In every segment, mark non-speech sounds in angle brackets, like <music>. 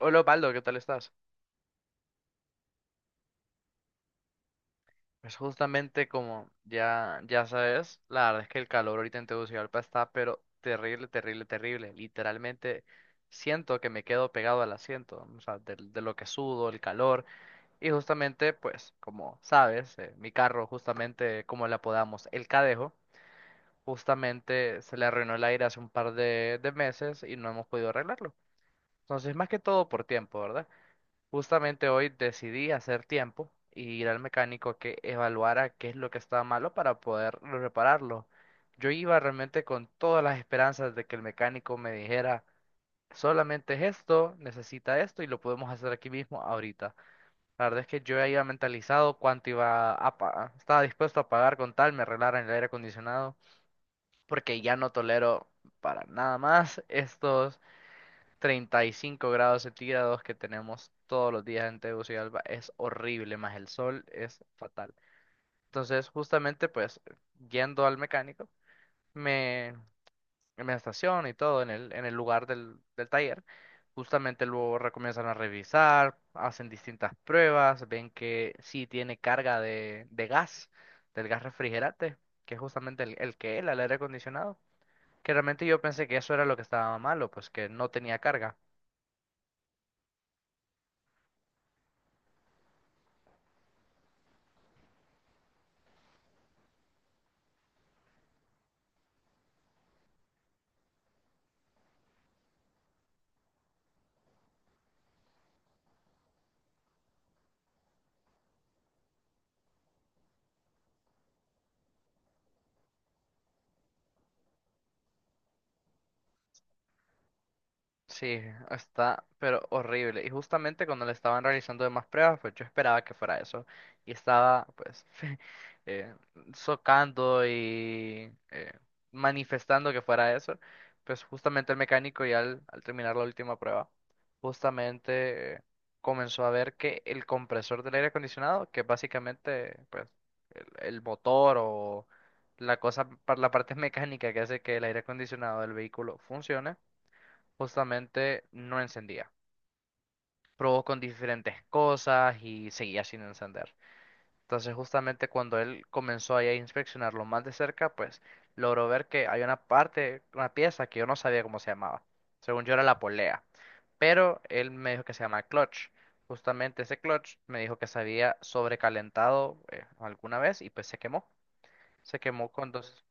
Hola, Paldo, ¿qué tal estás? Pues justamente como ya sabes, la verdad es que el calor ahorita en Tegucigalpa está, pero terrible, terrible, terrible. Literalmente siento que me quedo pegado al asiento, o sea, de lo que sudo, el calor. Y justamente, pues, como sabes, mi carro, justamente, como la apodamos, el Cadejo, justamente se le arruinó el aire hace un par de meses y no hemos podido arreglarlo. Entonces, más que todo por tiempo, ¿verdad? Justamente hoy decidí hacer tiempo y ir al mecánico a que evaluara qué es lo que estaba malo para poder repararlo. Yo iba realmente con todas las esperanzas de que el mecánico me dijera, solamente es esto, necesita esto y lo podemos hacer aquí mismo ahorita. La verdad es que yo ya iba mentalizado cuánto iba a pagar, estaba dispuesto a pagar con tal me arreglaran el aire acondicionado, porque ya no tolero para nada más estos 35 grados centígrados que tenemos todos los días en Tegucigalpa es horrible, más el sol es fatal. Entonces, justamente, pues, yendo al mecánico, me, me estaciono y todo en en el lugar del taller. Justamente luego comienzan a revisar, hacen distintas pruebas, ven que sí tiene carga de gas, del gas refrigerante, que es justamente el aire acondicionado. Que realmente yo pensé que eso era lo que estaba malo, pues que no tenía carga. Sí, está, pero horrible. Y justamente cuando le estaban realizando demás pruebas, pues yo esperaba que fuera eso. Y estaba, pues, <laughs> eh, socando y manifestando que fuera eso. Pues justamente el mecánico ya al terminar la última prueba, justamente comenzó a ver que el compresor del aire acondicionado, que es básicamente, pues, el, el motor o la cosa, la parte <laughs> mecánica que hace que el aire acondicionado del vehículo funcione, justamente no encendía. Probó con diferentes cosas y seguía sin encender. Entonces, justamente cuando él comenzó ahí a inspeccionarlo más de cerca, pues logró ver que hay una parte, una pieza que yo no sabía cómo se llamaba. Según yo era la polea, pero él me dijo que se llama clutch. Justamente ese clutch me dijo que se había sobrecalentado alguna vez y pues se quemó. Se quemó con dos...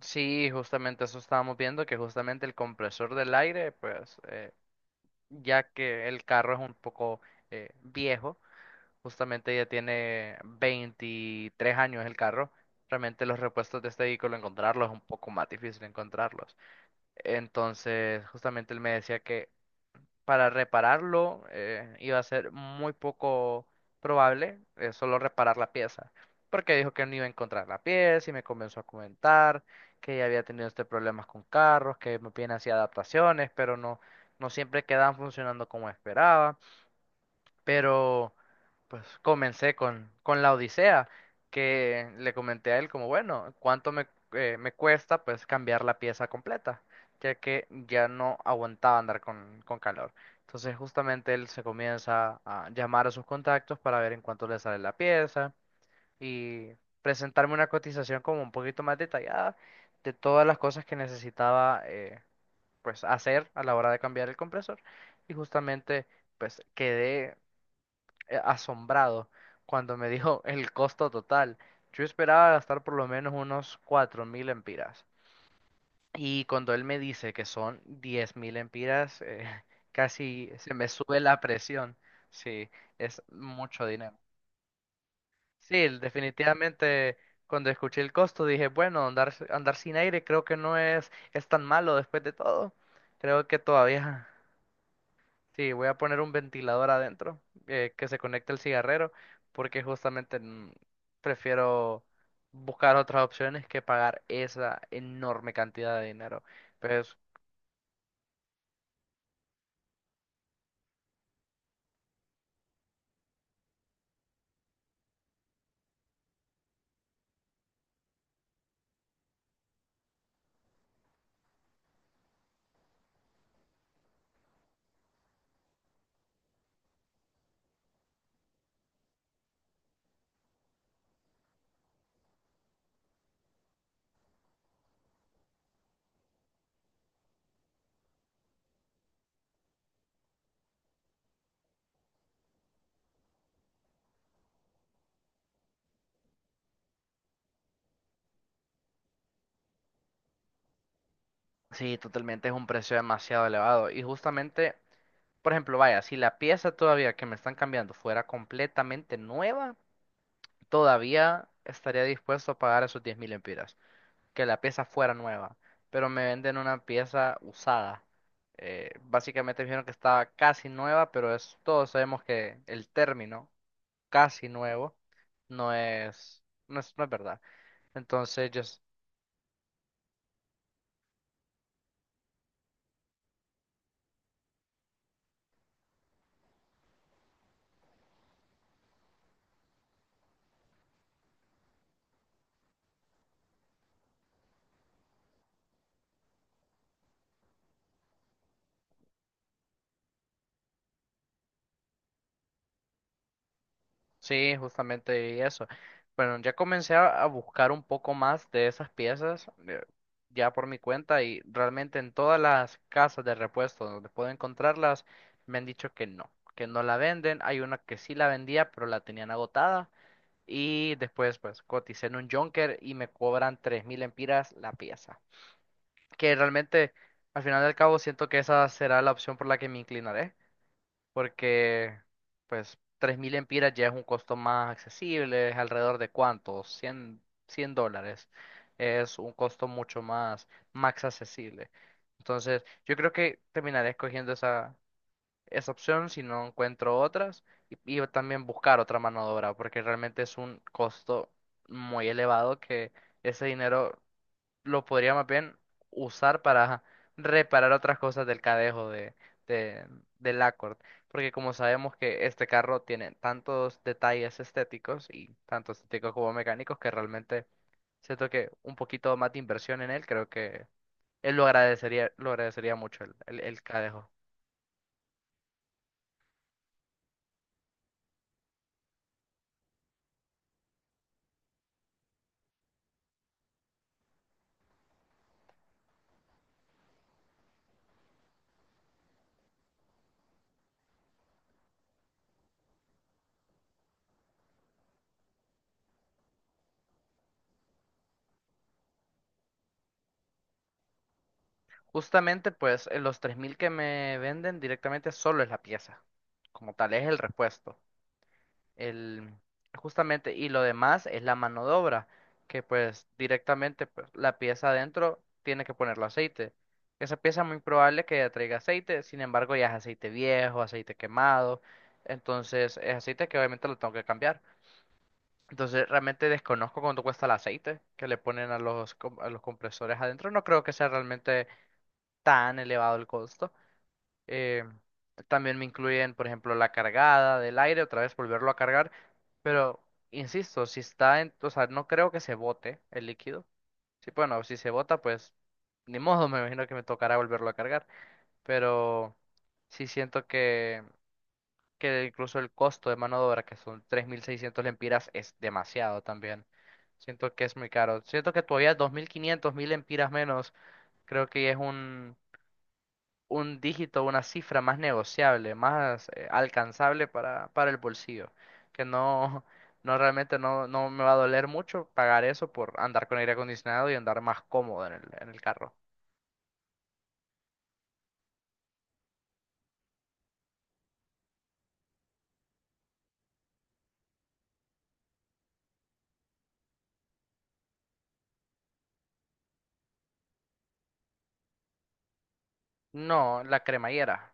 Sí, justamente eso estábamos viendo, que justamente el compresor del aire, pues, ya que el carro es un poco viejo, justamente ya tiene 23 años el carro, realmente los repuestos de este vehículo encontrarlos es un poco más difícil encontrarlos. Entonces, justamente él me decía que para repararlo iba a ser muy poco probable solo reparar la pieza, porque dijo que no iba a encontrar la pieza y me comenzó a comentar que ya había tenido este problemas con carros, que me piden hacía adaptaciones, pero no, no siempre quedaban funcionando como esperaba. Pero pues comencé con la Odisea, que le comenté a él como, bueno, ¿cuánto me cuesta pues cambiar la pieza completa? Ya que ya no aguantaba andar con calor. Entonces justamente él se comienza a llamar a sus contactos para ver en cuánto le sale la pieza y presentarme una cotización como un poquito más detallada de todas las cosas que necesitaba pues hacer a la hora de cambiar el compresor. Y justamente pues quedé asombrado cuando me dijo el costo total. Yo esperaba gastar por lo menos unos 4.000 empiras. Y cuando él me dice que son 10.000 empiras, <laughs> casi se me sube la presión. Sí, es mucho dinero. Sí, definitivamente cuando escuché el costo dije, bueno, andar, andar sin aire creo que no es, es tan malo después de todo. Creo que todavía. Sí, voy a poner un ventilador adentro que se conecte al cigarrero porque justamente prefiero buscar otras opciones que pagar esa enorme cantidad de dinero. Pues sí, totalmente es un precio demasiado elevado. Y justamente, por ejemplo, vaya, si la pieza todavía que me están cambiando fuera completamente nueva, todavía estaría dispuesto a pagar esos 10.000 mil que la pieza fuera nueva, pero me venden una pieza usada. Básicamente me dijeron que estaba casi nueva, pero es, todos sabemos que el término casi nuevo no es, no es verdad. Entonces, yo, sí, justamente y eso. Bueno, ya comencé a buscar un poco más de esas piezas ya por mi cuenta y realmente en todas las casas de repuesto donde puedo encontrarlas me han dicho que no la venden. Hay una que sí la vendía, pero la tenían agotada. Y después, pues, coticé en un Junker y me cobran 3.000 empiras la pieza. Que realmente, al final del cabo, siento que esa será la opción por la que me inclinaré. Porque, pues, 3.000 empiras ya es un costo más accesible. Es alrededor de ¿cuánto? 100, 100 dólares. Es un costo mucho más, más accesible. Entonces, yo creo que terminaré escogiendo esa opción si no encuentro otras y también buscar otra mano de obra porque realmente es un costo muy elevado que ese dinero lo podría más bien usar para reparar otras cosas del cadejo de, del Accord porque como sabemos que este carro tiene tantos detalles estéticos y tanto estéticos como mecánicos que realmente siento que un poquito más de inversión en él creo que él lo agradecería mucho el cadejo. Justamente, pues los 3.000 que me venden directamente solo es la pieza, como tal, es el repuesto. El, Justamente, y lo demás es la mano de obra, que pues directamente pues, la pieza adentro tiene que ponerlo aceite. Esa pieza muy probable que ya traiga aceite, sin embargo ya es aceite viejo, aceite quemado, entonces es aceite que obviamente lo tengo que cambiar. Entonces realmente desconozco cuánto cuesta el aceite que le ponen a los, a los compresores adentro, no creo que sea realmente tan elevado el costo. Eh, También me incluyen, por ejemplo, la cargada del aire, otra vez volverlo a cargar. Pero, insisto, si está en, o sea, no creo que se bote el líquido. Sí, bueno, si se bota, pues ni modo, <laughs> me imagino que me tocará volverlo a cargar. Pero sí siento que, incluso el costo de mano de obra, que son 3.600 lempiras, es demasiado también. Siento que es muy caro. Siento que todavía 2.500, 1.000 lempiras menos, creo que es un dígito, una cifra más negociable, más alcanzable para el bolsillo, que no, no realmente no, no me va a doler mucho pagar eso por andar con aire acondicionado y andar más cómodo en en el carro. No, la cremallera.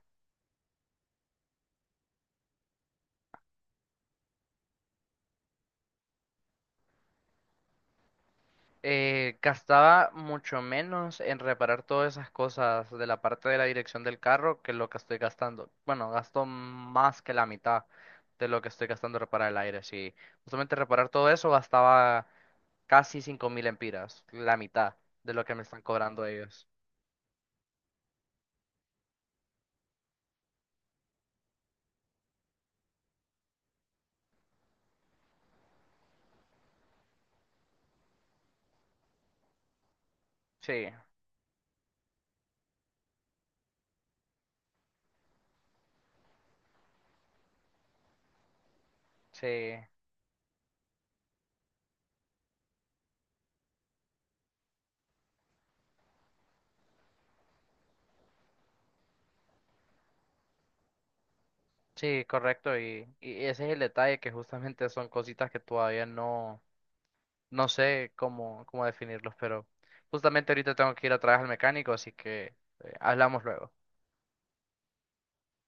Gastaba mucho menos en reparar todas esas cosas de la parte de la dirección del carro que lo que estoy gastando. Bueno, gasto más que la mitad de lo que estoy gastando en reparar el aire. Sí, justamente reparar todo eso gastaba casi 5.000 empiras, la mitad de lo que me están cobrando ellos. Sí, sí, sí, correcto. Y ese es el detalle, que justamente son cositas que todavía no, no sé cómo, cómo definirlos, pero justamente ahorita tengo que ir a trabajar al mecánico, así que hablamos luego.